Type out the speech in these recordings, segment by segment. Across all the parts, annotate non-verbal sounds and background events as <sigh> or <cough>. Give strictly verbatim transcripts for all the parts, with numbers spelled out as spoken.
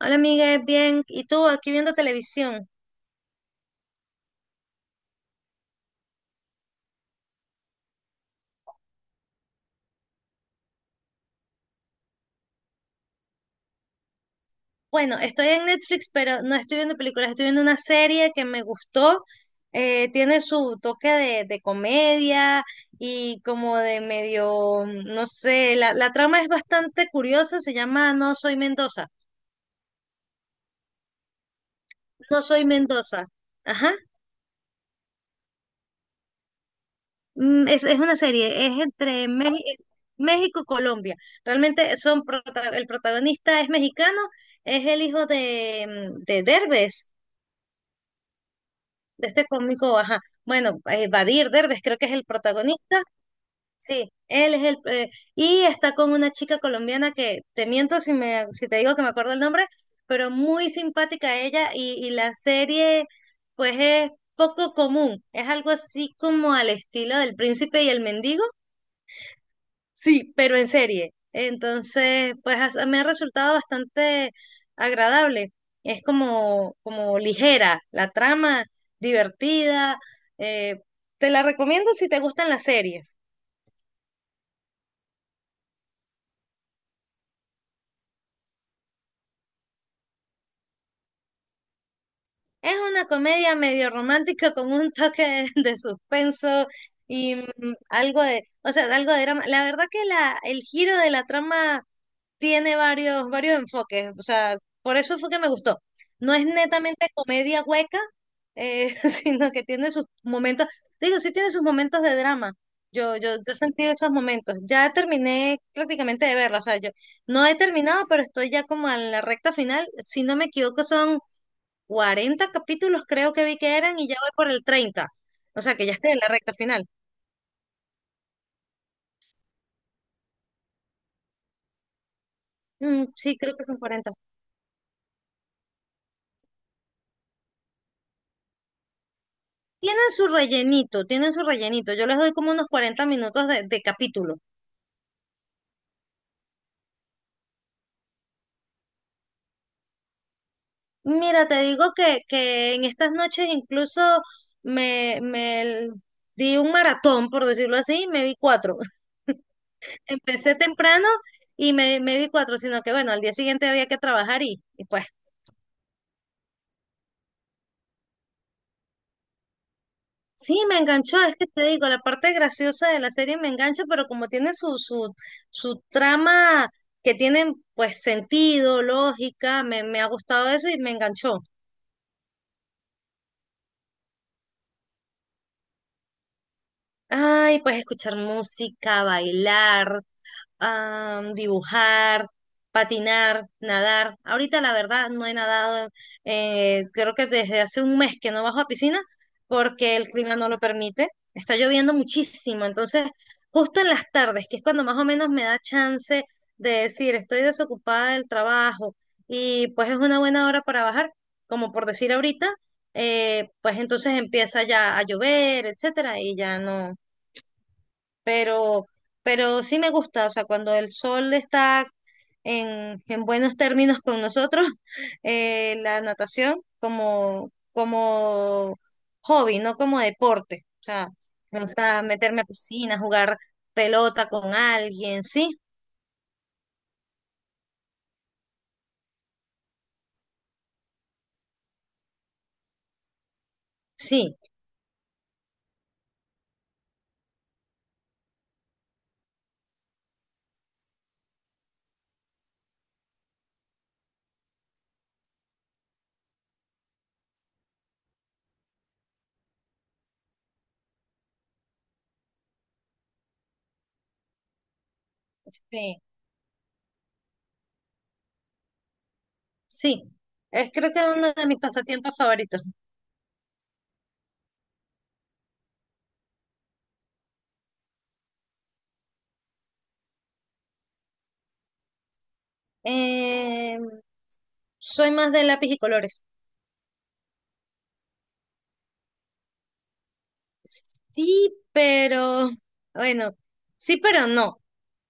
Hola amiga, bien. ¿Y tú aquí viendo televisión? Bueno, estoy en Netflix, pero no estoy viendo películas, estoy viendo una serie que me gustó. Eh, tiene su toque de, de comedia y como de medio, no sé, la, la trama es bastante curiosa, se llama No soy Mendoza. No soy Mendoza. Ajá. Mm, Es, es una serie, es entre México México y Colombia. Realmente son prota- el protagonista es mexicano, es el hijo de, mm, de Derbez. De este cómico, ajá, bueno, eh, Badir Derbez creo que es el protagonista, sí, él es el, eh, y está con una chica colombiana que, te miento si me, si te digo que me acuerdo el nombre, pero muy simpática ella, y, y la serie, pues es poco común, es algo así como al estilo del príncipe y el mendigo. Sí, pero en serie. Entonces, pues as- me ha resultado bastante agradable. Es como, como ligera la trama, divertida. eh, Te la recomiendo si te gustan las series. Es una comedia medio romántica con un <laughs> toque de, de suspenso y mm, algo de, o sea, algo de drama. La verdad que la, el giro de la trama tiene varios, varios enfoques, o sea, por eso fue que me gustó. No es netamente comedia hueca, eh, <laughs> sino que tiene sus momentos, digo, sí tiene sus momentos de drama. Yo, yo, yo sentí esos momentos. Ya terminé prácticamente de verla, o sea, yo no he terminado, pero estoy ya como en la recta final. Si no me equivoco, son cuarenta capítulos, creo que vi que eran, y ya voy por el treinta. O sea, que ya estoy en la recta final. Mm, sí, creo que son cuarenta. Tienen su rellenito, tienen su rellenito. Yo les doy como unos cuarenta minutos de, de capítulo. Mira, te digo que, que en estas noches incluso me, me l- di un maratón, por decirlo así, y me vi cuatro. <laughs> Empecé temprano y me, me vi cuatro, sino que bueno, al día siguiente había que trabajar y, y pues sí, me enganchó. Es que te digo, la parte graciosa de la serie me engancha, pero como tiene su, su, su trama que tiene pues sentido, lógica, me, me ha gustado eso y me enganchó. Ay, puedes escuchar música, bailar, ah, dibujar, patinar, nadar. Ahorita la verdad no he nadado, eh, creo que desde hace un mes que no bajo a piscina porque el clima no lo permite. Está lloviendo muchísimo, entonces justo en las tardes, que es cuando más o menos me da chance de decir estoy desocupada del trabajo y pues es una buena hora para bajar, como por decir ahorita, eh, pues entonces empieza ya a llover, etcétera, y ya no pero, pero sí me gusta, o sea, cuando el sol está en, en buenos términos con nosotros, <laughs> eh, la natación como, como hobby, no como deporte. O sea, me gusta meterme a piscina, jugar pelota con alguien, sí, sí, sí, sí. Es creo que es uno de mis pasatiempos favoritos. Eh, Soy más de lápiz y colores. Sí, pero bueno, sí, pero no.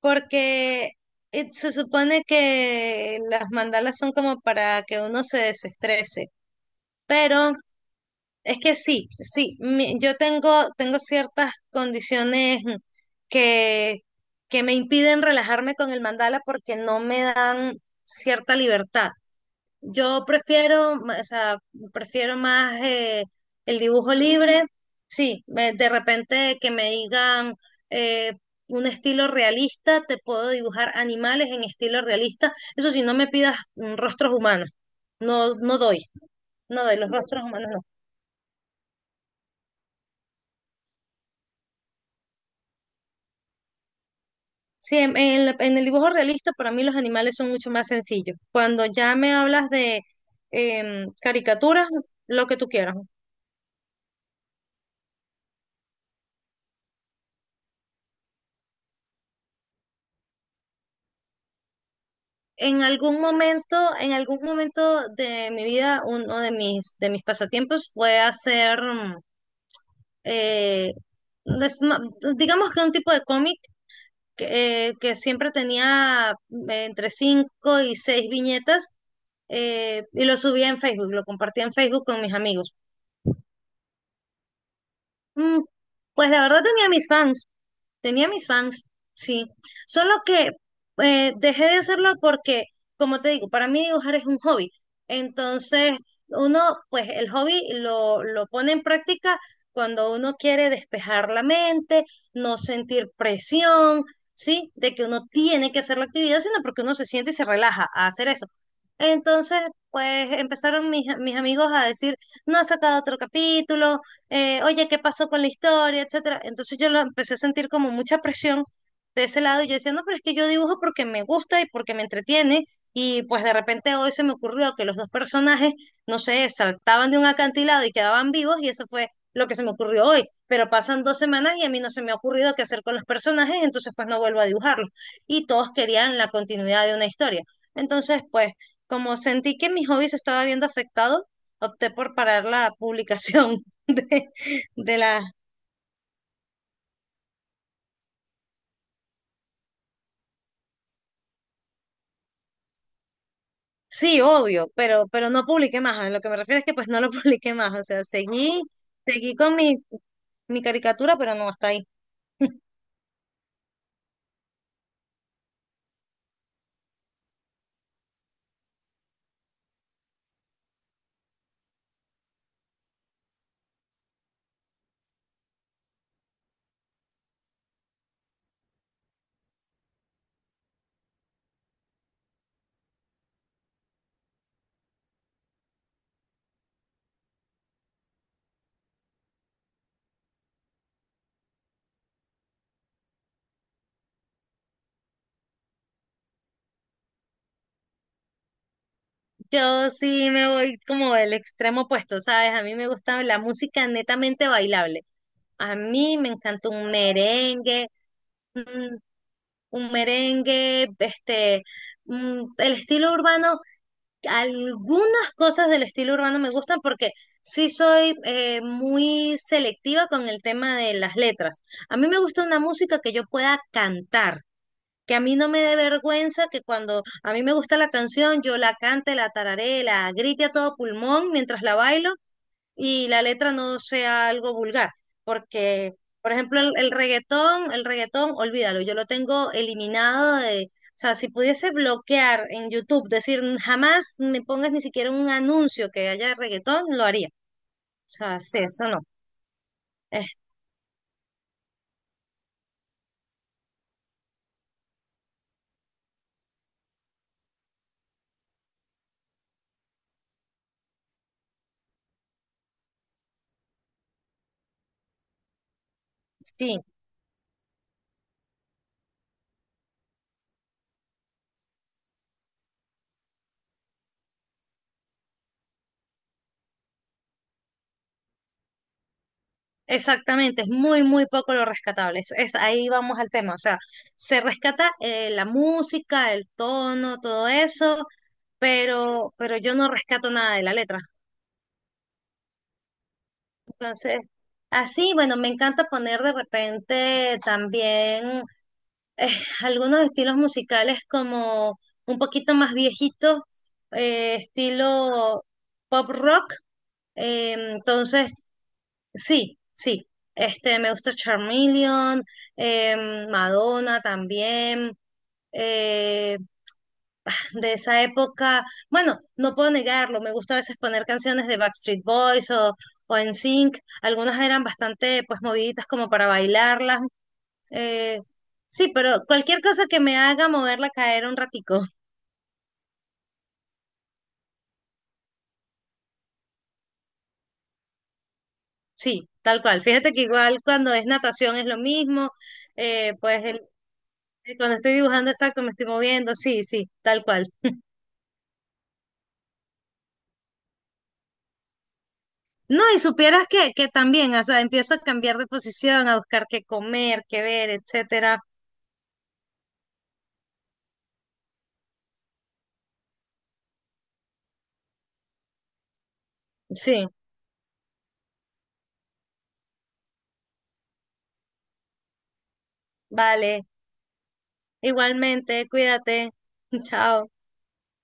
Porque eh, se supone que las mandalas son como para que uno se desestrese, pero es que sí, sí, mi- yo tengo, tengo ciertas condiciones que, que me impiden relajarme con el mandala porque no me dan cierta libertad. Yo prefiero, ma- o sea, prefiero más eh, el dibujo libre. Sí, me- de repente que me digan eh, un estilo realista, te puedo dibujar animales en estilo realista. Eso sí, no me pidas mm, rostros humanos. No, no doy, no doy los rostros humanos, no. Sí, en, en la- en el dibujo realista para mí los animales son mucho más sencillos. Cuando ya me hablas de em, caricaturas, lo que tú quieras. En algún momento, en algún momento de mi vida, uno de mis, de mis pasatiempos fue hacer, mm, eh, des- no, digamos que un tipo de cómic eh, que siempre tenía mm, entre cinco y seis viñetas, eh, y lo subía en Facebook, lo compartía en Facebook con mis amigos. Mm, pues la verdad tenía mis fans. Tenía mis fans, sí. Solo que eh, dejé de hacerlo porque, como te digo, para mí dibujar es un hobby. Entonces, uno, pues el hobby lo, lo pone en práctica cuando uno quiere despejar la mente, no sentir presión, ¿sí? De que uno tiene que hacer la actividad, sino porque uno se siente y se relaja a hacer eso. Entonces, pues empezaron mis, mis amigos a decir, no has sacado otro capítulo, eh, oye, ¿qué pasó con la historia?, etcétera. Entonces yo lo empecé a sentir como mucha presión de ese lado y yo decía, no, pero es que yo dibujo porque me gusta y porque me entretiene y pues de repente hoy se me ocurrió que los dos personajes, no sé, saltaban de un acantilado y quedaban vivos y eso fue lo que se me ocurrió hoy, pero pasan dos semanas y a mí no se me ha ocurrido qué hacer con los personajes, entonces pues no vuelvo a dibujarlos y todos querían la continuidad de una historia. Entonces pues como sentí que mi hobby se estaba viendo afectado, opté por parar la publicación de, de la... Sí, obvio, pero, pero no publiqué más. A lo que me refiero es que pues no lo <laughs> publiqué más. O sea, seguí, seguí con mi, mi caricatura, pero no hasta ahí. Yo sí me voy como el extremo opuesto, ¿sabes? A mí me gusta la música netamente bailable. A mí me encanta un merengue, un, un merengue, este, mm, el estilo urbano. Algunas cosas del estilo urbano me gustan porque sí soy eh, muy selectiva con el tema de las letras. A mí me gusta una música que yo pueda cantar, que a mí no me dé vergüenza que cuando a mí me gusta la canción yo la cante, la tararé, la grite a todo pulmón mientras la bailo y la letra no sea algo vulgar, porque, por ejemplo, el, el reggaetón, el reggaetón, olvídalo, yo lo tengo eliminado de, o sea, si pudiese bloquear en YouTube, decir jamás me pongas ni siquiera un anuncio que haya reggaetón, lo haría. O sea, sí, eso no. Es- sí, exactamente, es muy, muy poco lo rescatable. Es, es- ahí vamos al tema, o sea, se rescata eh, la música, el tono, todo eso, pero, pero yo no rescato nada de la letra. Entonces, así, bueno, me encanta poner de repente también eh, <laughs> algunos estilos musicales como un poquito más viejitos, eh, estilo pop rock. Eh, entonces, sí, sí, este, me gusta Charmeleon, em, Madonna también, eh, de esa época. Bueno, no puedo negarlo, me gusta a veces poner canciones de Backstreet Boys o, o en sync. Algunas eran bastante pues moviditas como para bailarlas. eh, sí, pero cualquier cosa que me haga moverla caer un ratico. Sí, tal cual. Fíjate que igual cuando es natación es lo mismo. eh, pues el- Cuando estoy dibujando exacto me estoy moviendo. Sí, sí, tal cual. No, y supieras que, que también, o sea, empiezo a cambiar de posición, a buscar qué comer, qué ver, etcétera. Sí, vale. Igualmente, cuídate. <laughs> Chao.